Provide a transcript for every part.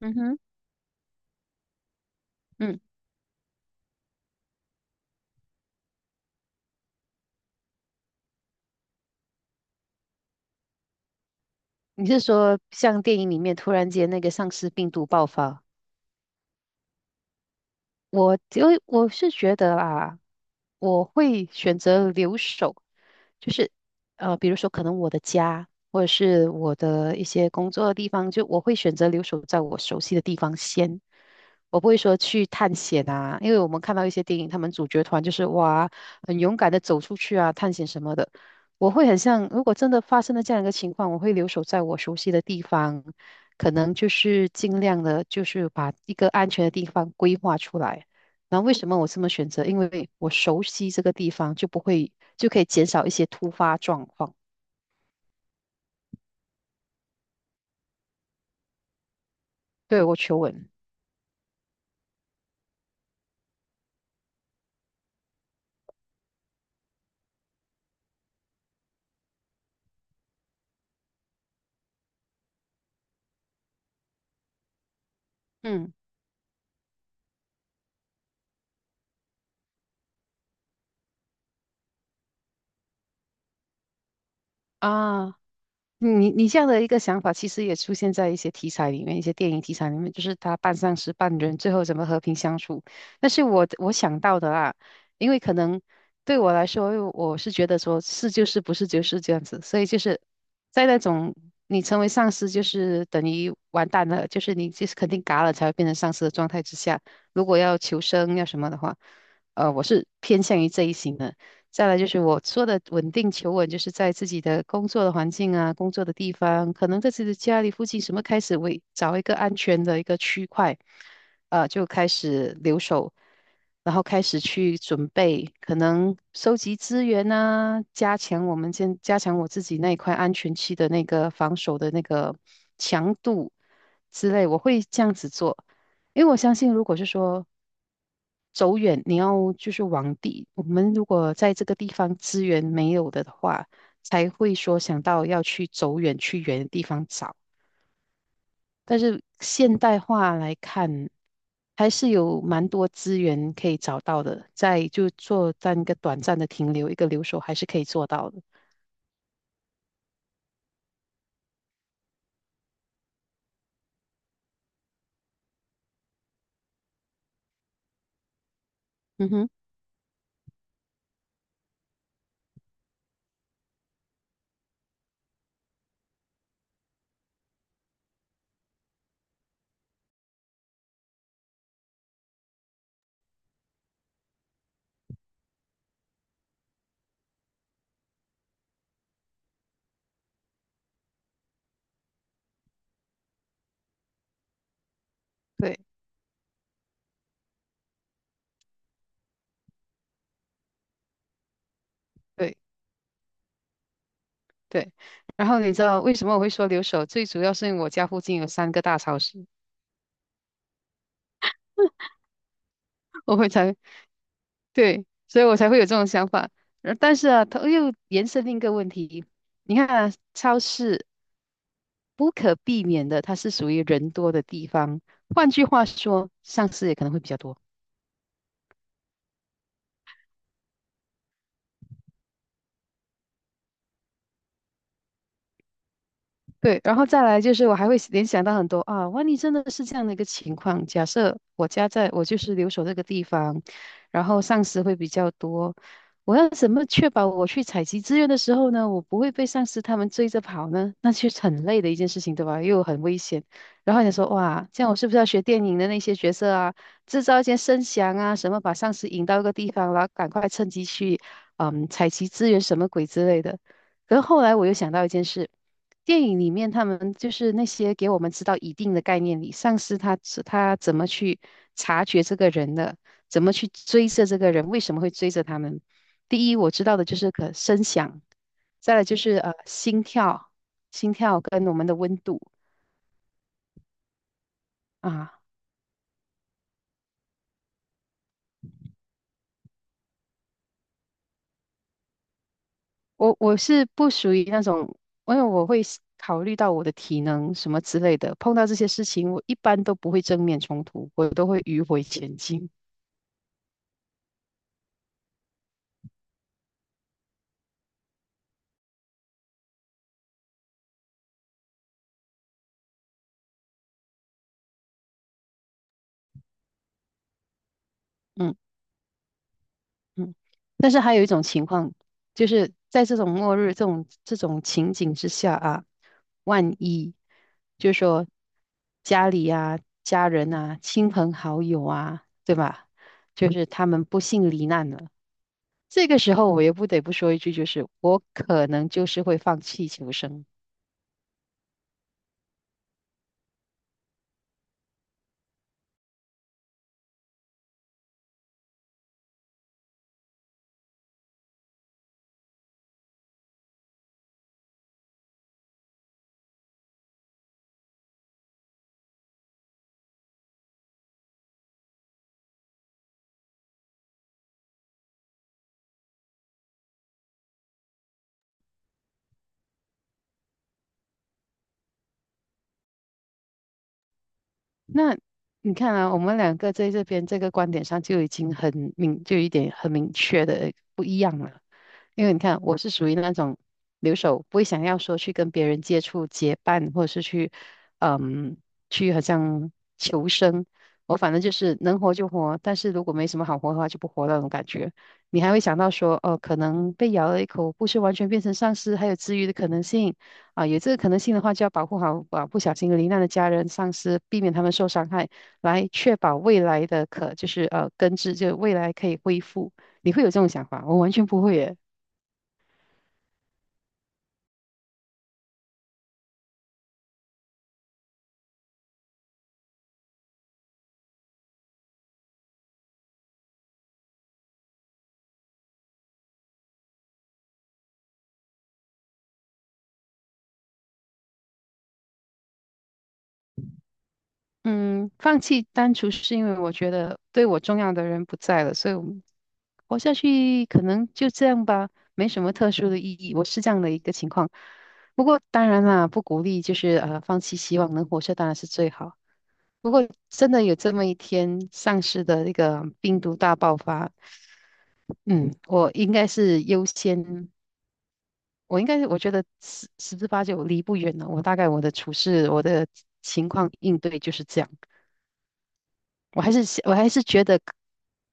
嗯哼，嗯，你是说像电影里面突然间那个丧尸病毒爆发？我是觉得啊，我会选择留守，就是比如说可能我的家或者是我的一些工作的地方，就我会选择留守在我熟悉的地方先。我不会说去探险啊，因为我们看到一些电影，他们主角团就是哇，很勇敢的走出去啊，探险什么的。我会很像，如果真的发生了这样一个情况，我会留守在我熟悉的地方，可能就是尽量的，就是把一个安全的地方规划出来。那为什么我这么选择？因为我熟悉这个地方，就不会就可以减少一些突发状况。对，我求稳。嗯啊，你这样的一个想法，其实也出现在一些题材里面，一些电影题材里面，就是他半丧尸半人，最后怎么和平相处。但是我想到的啊，因为可能对我来说，因为我是觉得说是就是不是就是这样子，所以就是在那种你成为丧尸就是等于完蛋了，就是你就是肯定嘎了才会变成丧尸的状态之下，如果要求生要什么的话，我是偏向于这一型的。再来就是我说的稳定求稳，就是在自己的工作的环境啊，工作的地方，可能在自己的家里附近，什么开始为找一个安全的一个区块，就开始留守，然后开始去准备，可能收集资源啊，加强我自己那一块安全区的那个防守的那个强度之类，我会这样子做。因为我相信，如果是说走远，你要就是往地，我们如果在这个地方资源没有的话，才会说想到要去走远，去远的地方找。但是现代化来看，还是有蛮多资源可以找到的，在就做在一个短暂的停留，一个留守还是可以做到的。嗯哼，对对对。然后你知道为什么我会说留守？最主要是因为我家附近有3个大超市，我会才对，所以我才会有这种想法。但是啊，它又延伸另一个问题，你看啊，超市不可避免的，它是属于人多的地方，换句话说，上市也可能会比较多。对，然后再来就是我还会联想到很多啊，万一真的是这样的一个情况，假设我家在我就是留守这个地方，然后丧尸会比较多，我要怎么确保我去采集资源的时候呢，我不会被丧尸他们追着跑呢？那其实很累的一件事情，对吧？又很危险。然后你说哇，这样我是不是要学电影的那些角色啊，制造一些声响啊，什么把丧尸引到一个地方，然后赶快趁机去采集资源什么鬼之类的。可是后来我又想到一件事，电影里面他们就是那些给我们知道一定的概念里，上司他怎么去察觉这个人的，怎么去追着这个人，为什么会追着他们？第一，我知道的就是可声响，再来就是心跳，心跳跟我们的温度啊。我是不属于那种，因为我会思考虑到我的体能什么之类的，碰到这些事情，我一般都不会正面冲突，我都会迂回前进。嗯。嗯，但是还有一种情况，就是在这种末日、这种情景之下啊，万一就是说家里啊、家人啊、亲朋好友啊，对吧？就是他们不幸罹难了，这个时候我也不得不说一句，就是我可能就是会放弃求生。那你看啊，我们两个在这边这个观点上就已经很明，就有一点很明确的不一样了。因为你看，我是属于那种留守，不会想要说去跟别人接触、结伴，或者是去，嗯，去好像求生。我反正就是能活就活，但是如果没什么好活的话，就不活那种感觉。你还会想到说，哦，可能被咬了一口，不是完全变成丧尸，还有治愈的可能性。啊，有这个可能性的话，就要保护好啊不小心罹难的家人、丧尸，避免他们受伤害，来确保未来的可就是根治，就未来可以恢复。你会有这种想法？我完全不会耶。嗯，放弃单纯是因为我觉得对我重要的人不在了，所以我们活下去可能就这样吧，没什么特殊的意义。我是这样的一个情况。不过当然啦，不鼓励就是放弃希望，能活着当然是最好。不过真的有这么一天，上市的那个病毒大爆发，嗯，我应该是优先，我应该是我觉得十之八九离不远了。我大概我的处事，我的情况应对就是这样。我还是觉得，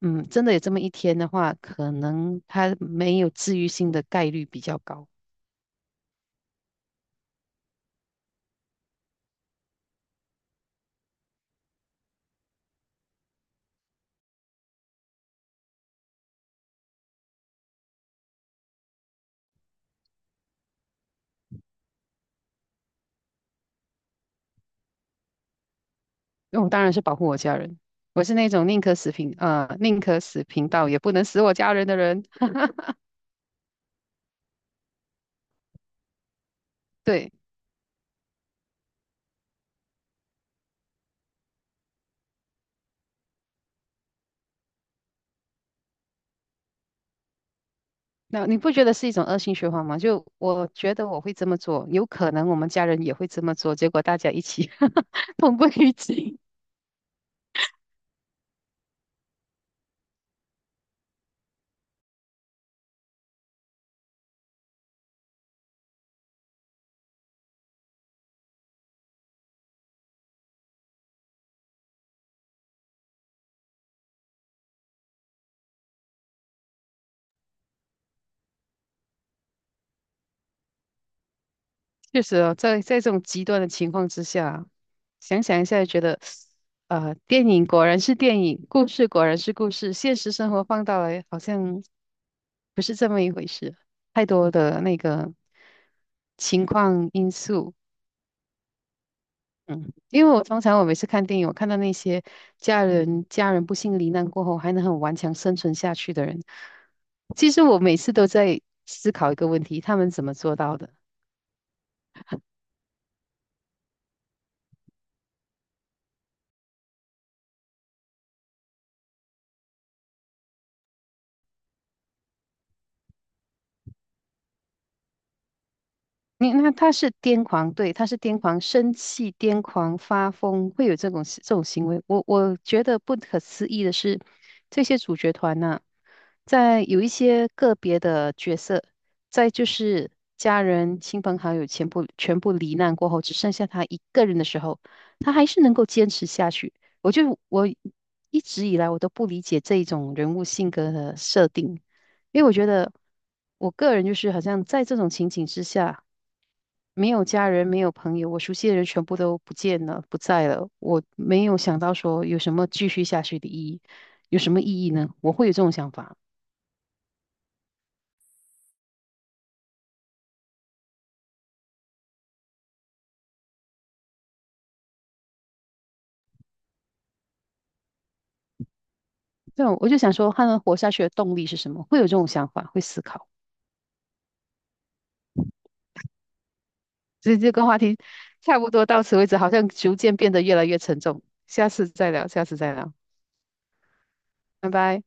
真的有这么一天的话，可能它没有治愈性的概率比较高。我当然是保护我家人，我是那种宁可死贫道也不能死我家人的人。对，那你不觉得是一种恶性循环吗？就我觉得我会这么做，有可能我们家人也会这么做，结果大家一起 同归于尽。确实哦，在这种极端的情况之下，想想一下就觉得，电影果然是电影，故事果然是故事，现实生活放大来好像不是这么一回事，太多的那个情况因素。因为我通常我每次看电影，我看到那些家人不幸罹难过后还能很顽强生存下去的人，其实我每次都在思考一个问题：他们怎么做到的？你那他是癫狂，对，他是癫狂，生气、癫狂、发疯，会有这种这种行为。我觉得不可思议的是，这些主角团呢、在有一些个别的角色，在就是家人、亲朋好友全部罹难过后，只剩下他一个人的时候，他还是能够坚持下去。我一直以来我都不理解这一种人物性格的设定。因为我觉得，我个人就是好像在这种情景之下，没有家人，没有朋友，我熟悉的人全部都不见了，不在了。我没有想到说有什么继续下去的意义，有什么意义呢？我会有这种想法。对，我就想说，他们活下去的动力是什么？会有这种想法，会思考。所以这个话题差不多到此为止，好像逐渐变得越来越沉重。下次再聊，下次再聊，拜拜。